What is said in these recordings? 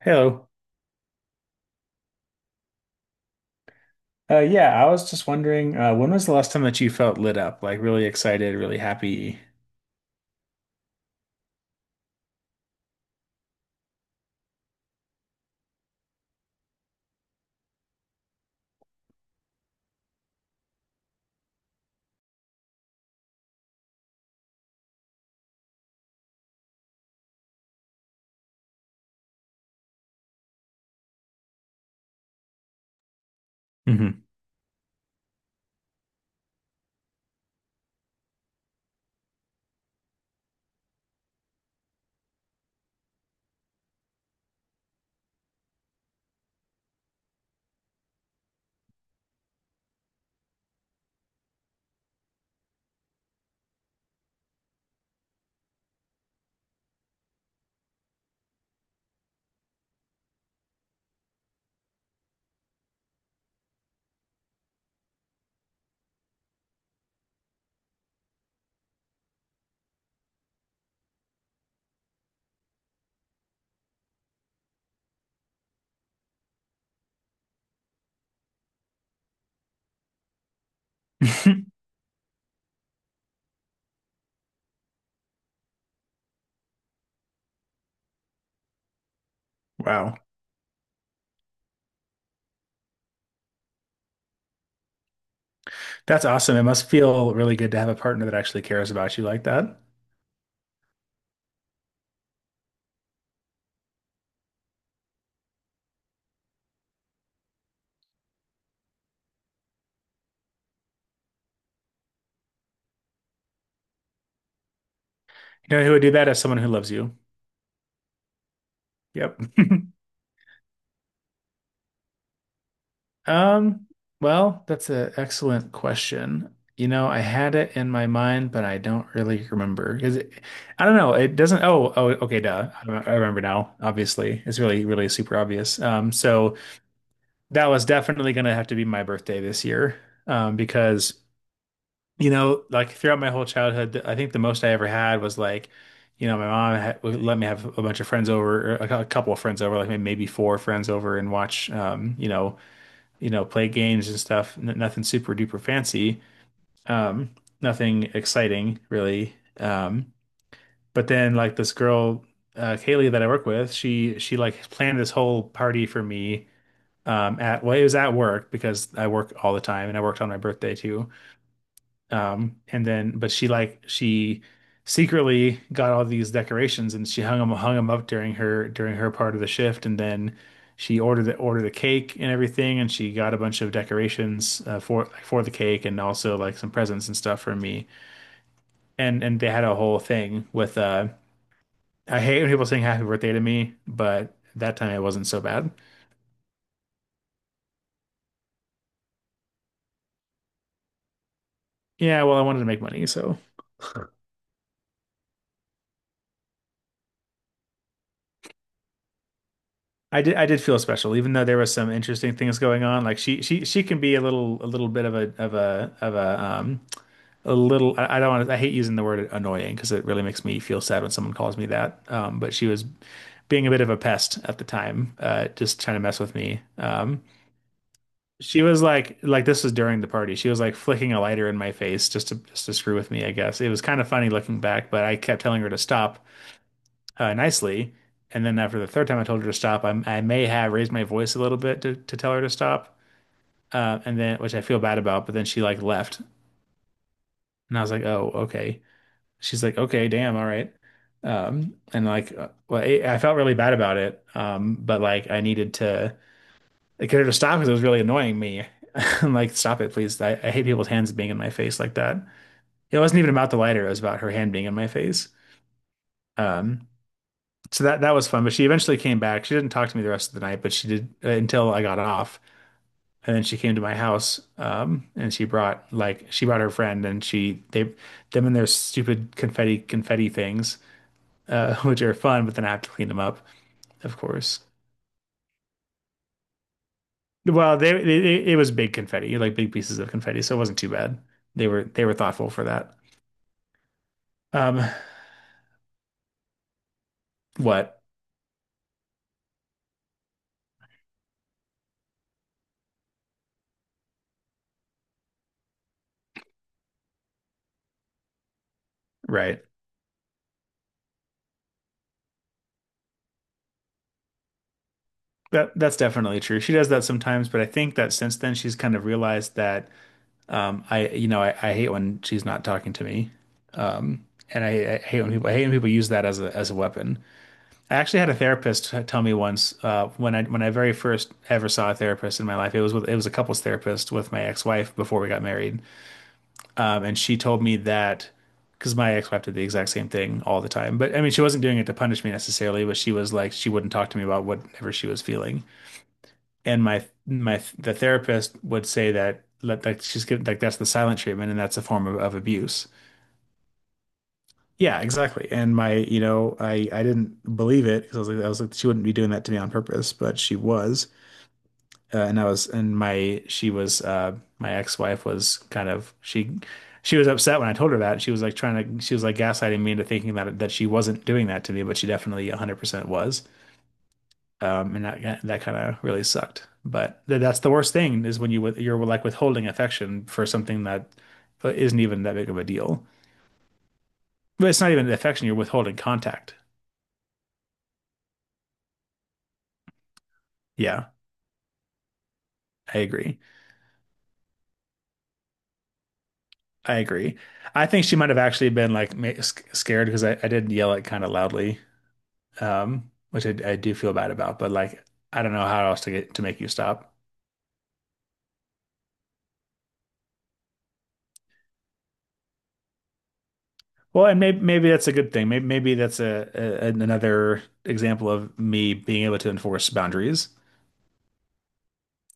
Hello. Yeah, I was just wondering, when was the last time that you felt lit up? Like really excited, really happy? hmm Wow. That's awesome. It must feel really good to have a partner that actually cares about you like that. You know who would do that as someone who loves you? Yep. Um, well, that's an excellent question. You know, I had it in my mind, but I don't really remember. Is it, I don't know. It doesn't. Oh, oh, okay, duh. I remember now. Obviously, it's really, really super obvious. That was definitely going to have to be my birthday this year, because you know, like throughout my whole childhood, I think the most I ever had was like, you know, my mom had, would let me have a bunch of friends over, or a a couple of friends over, like maybe four friends over, and watch, you know, play games and stuff. N Nothing super duper fancy, um, nothing exciting really. Um, but then like this girl, Kaylee that I work with, she like planned this whole party for me, at, well, it was at work because I work all the time and I worked on my birthday too. Um and then but she like she secretly got all these decorations and she hung them up during her part of the shift, and then she ordered the cake and everything, and she got a bunch of decorations for like, for the cake and also like some presents and stuff for me. And they had a whole thing with I hate when people sing happy birthday to me, but that time it wasn't so bad. Yeah, well, I wanted to make money, so I did feel special, even though there was some interesting things going on. Like she can be a little bit of a of a of a little I don't want to, I hate using the word annoying because it really makes me feel sad when someone calls me that. But she was being a bit of a pest at the time, just trying to mess with me. She was like this was during the party. She was like flicking a lighter in my face just to screw with me, I guess. It was kind of funny looking back, but I kept telling her to stop, nicely. And then after the third time I told her to stop, I may have raised my voice a little bit to tell her to stop. And then, which I feel bad about, but then she like left. And I was like, oh, okay. She's like, okay, damn, all right. Well, I felt really bad about it. I needed to, I could have stopped because it was really annoying me. I'm like, stop it, please. I hate people's hands being in my face like that. It wasn't even about the lighter, it was about her hand being in my face. Um, So that that was fun, but she eventually came back. She didn't talk to me the rest of the night, but she did, until I got off. And then she came to my house, and she brought like she brought her friend, and she they them and their stupid confetti things, which are fun, but then I have to clean them up, of course. Well, they it it was big confetti, like big pieces of confetti, so it wasn't too bad. They were thoughtful for that. Um, what? Right. That's definitely true. She does that sometimes, but I think that since then she's kind of realized that. I, you know, I hate when she's not talking to me, and I hate when people use that as a weapon. I actually had a therapist tell me once when I very first ever saw a therapist in my life. It was with, it was a couples therapist with my ex wife before we got married, and she told me that because my ex wife did the exact same thing all the time. But I mean, she wasn't doing it to punish me necessarily, but she was like she wouldn't talk to me about whatever she was feeling. And my the therapist would say that like she's given like that's the silent treatment and that's a form of abuse. Yeah, exactly. And my, you know, I didn't believe it because I was like, she wouldn't be doing that to me on purpose, but she was. And I was, and my, she was, My ex-wife was kind of, she was upset when I told her that. She was like gaslighting me into thinking that she wasn't doing that to me, but she definitely 100% was. And that kind of really sucked. But th that's the worst thing is when you're like withholding affection for something that isn't even that big of a deal. But it's not even affection, you're withholding contact. Yeah. I agree. I agree. I think she might have actually been like scared because I did yell it kind of loudly, which I do feel bad about. But like, I don't know how else to get to make you stop. Well, and maybe that's a good thing. Maybe that's a another example of me being able to enforce boundaries.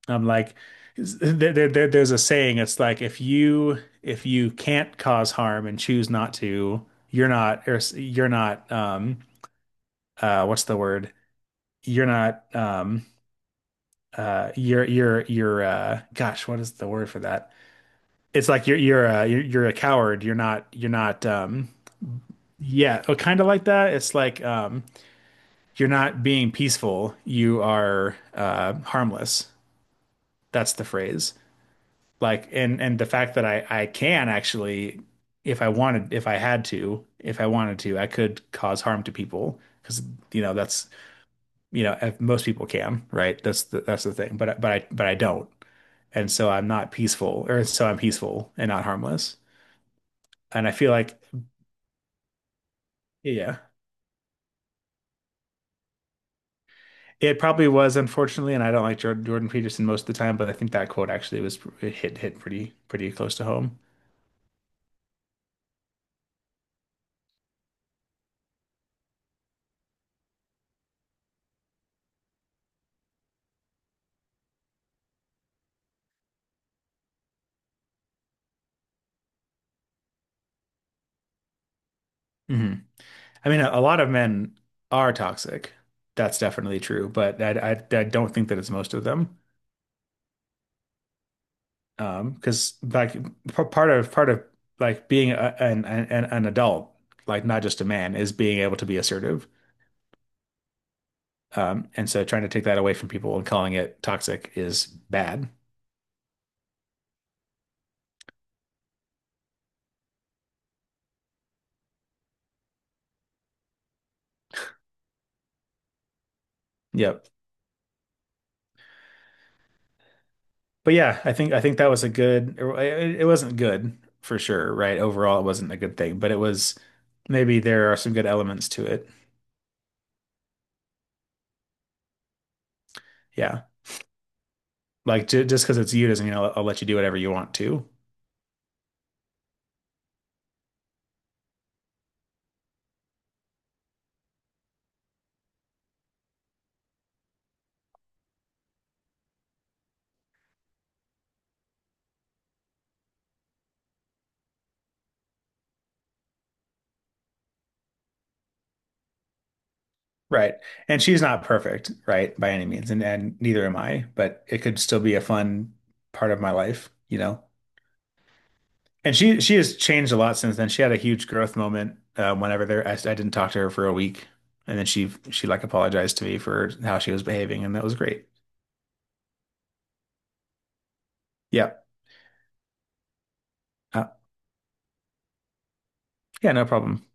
I'm like, there's a saying. It's like if you can't cause harm and choose not to, you're not, or you're not what's the word? You're not you're you're gosh, what is the word for that? It's like you're a coward, you're not yeah, oh, kind of like that. It's like, you're not being peaceful, you are harmless. That's the phrase. Like, and the fact that I can actually, if I had to, if I wanted to, I could cause harm to people, because, you know, that's, you know, if most people can, right? That's the thing. But I don't, and so I'm not peaceful, or so I'm peaceful and not harmless. And I feel like, yeah, it probably was, unfortunately, and I don't like Jordan Peterson most of the time, but I think that quote actually was, it hit pretty pretty close to home. hmm I mean, a lot of men are toxic. That's definitely true, but I don't think that it's most of them. Because like part of like being a, an adult, like not just a man, is being able to be assertive. Um, and so trying to take that away from people and calling it toxic is bad. Yep. But yeah, I think that was a good, it wasn't good for sure, right, overall it wasn't a good thing, but it was, maybe there are some good elements to it. Yeah, like, j just because it's you doesn't mean I'll let you do whatever you want to. Right. And she's not perfect, right, by any means, and neither am I, but it could still be a fun part of my life, you know. And she has changed a lot since then. She had a huge growth moment, whenever there I didn't talk to her for a week, and then she like apologized to me for how she was behaving, and that was great. Yeah. Uh, yeah, no problem.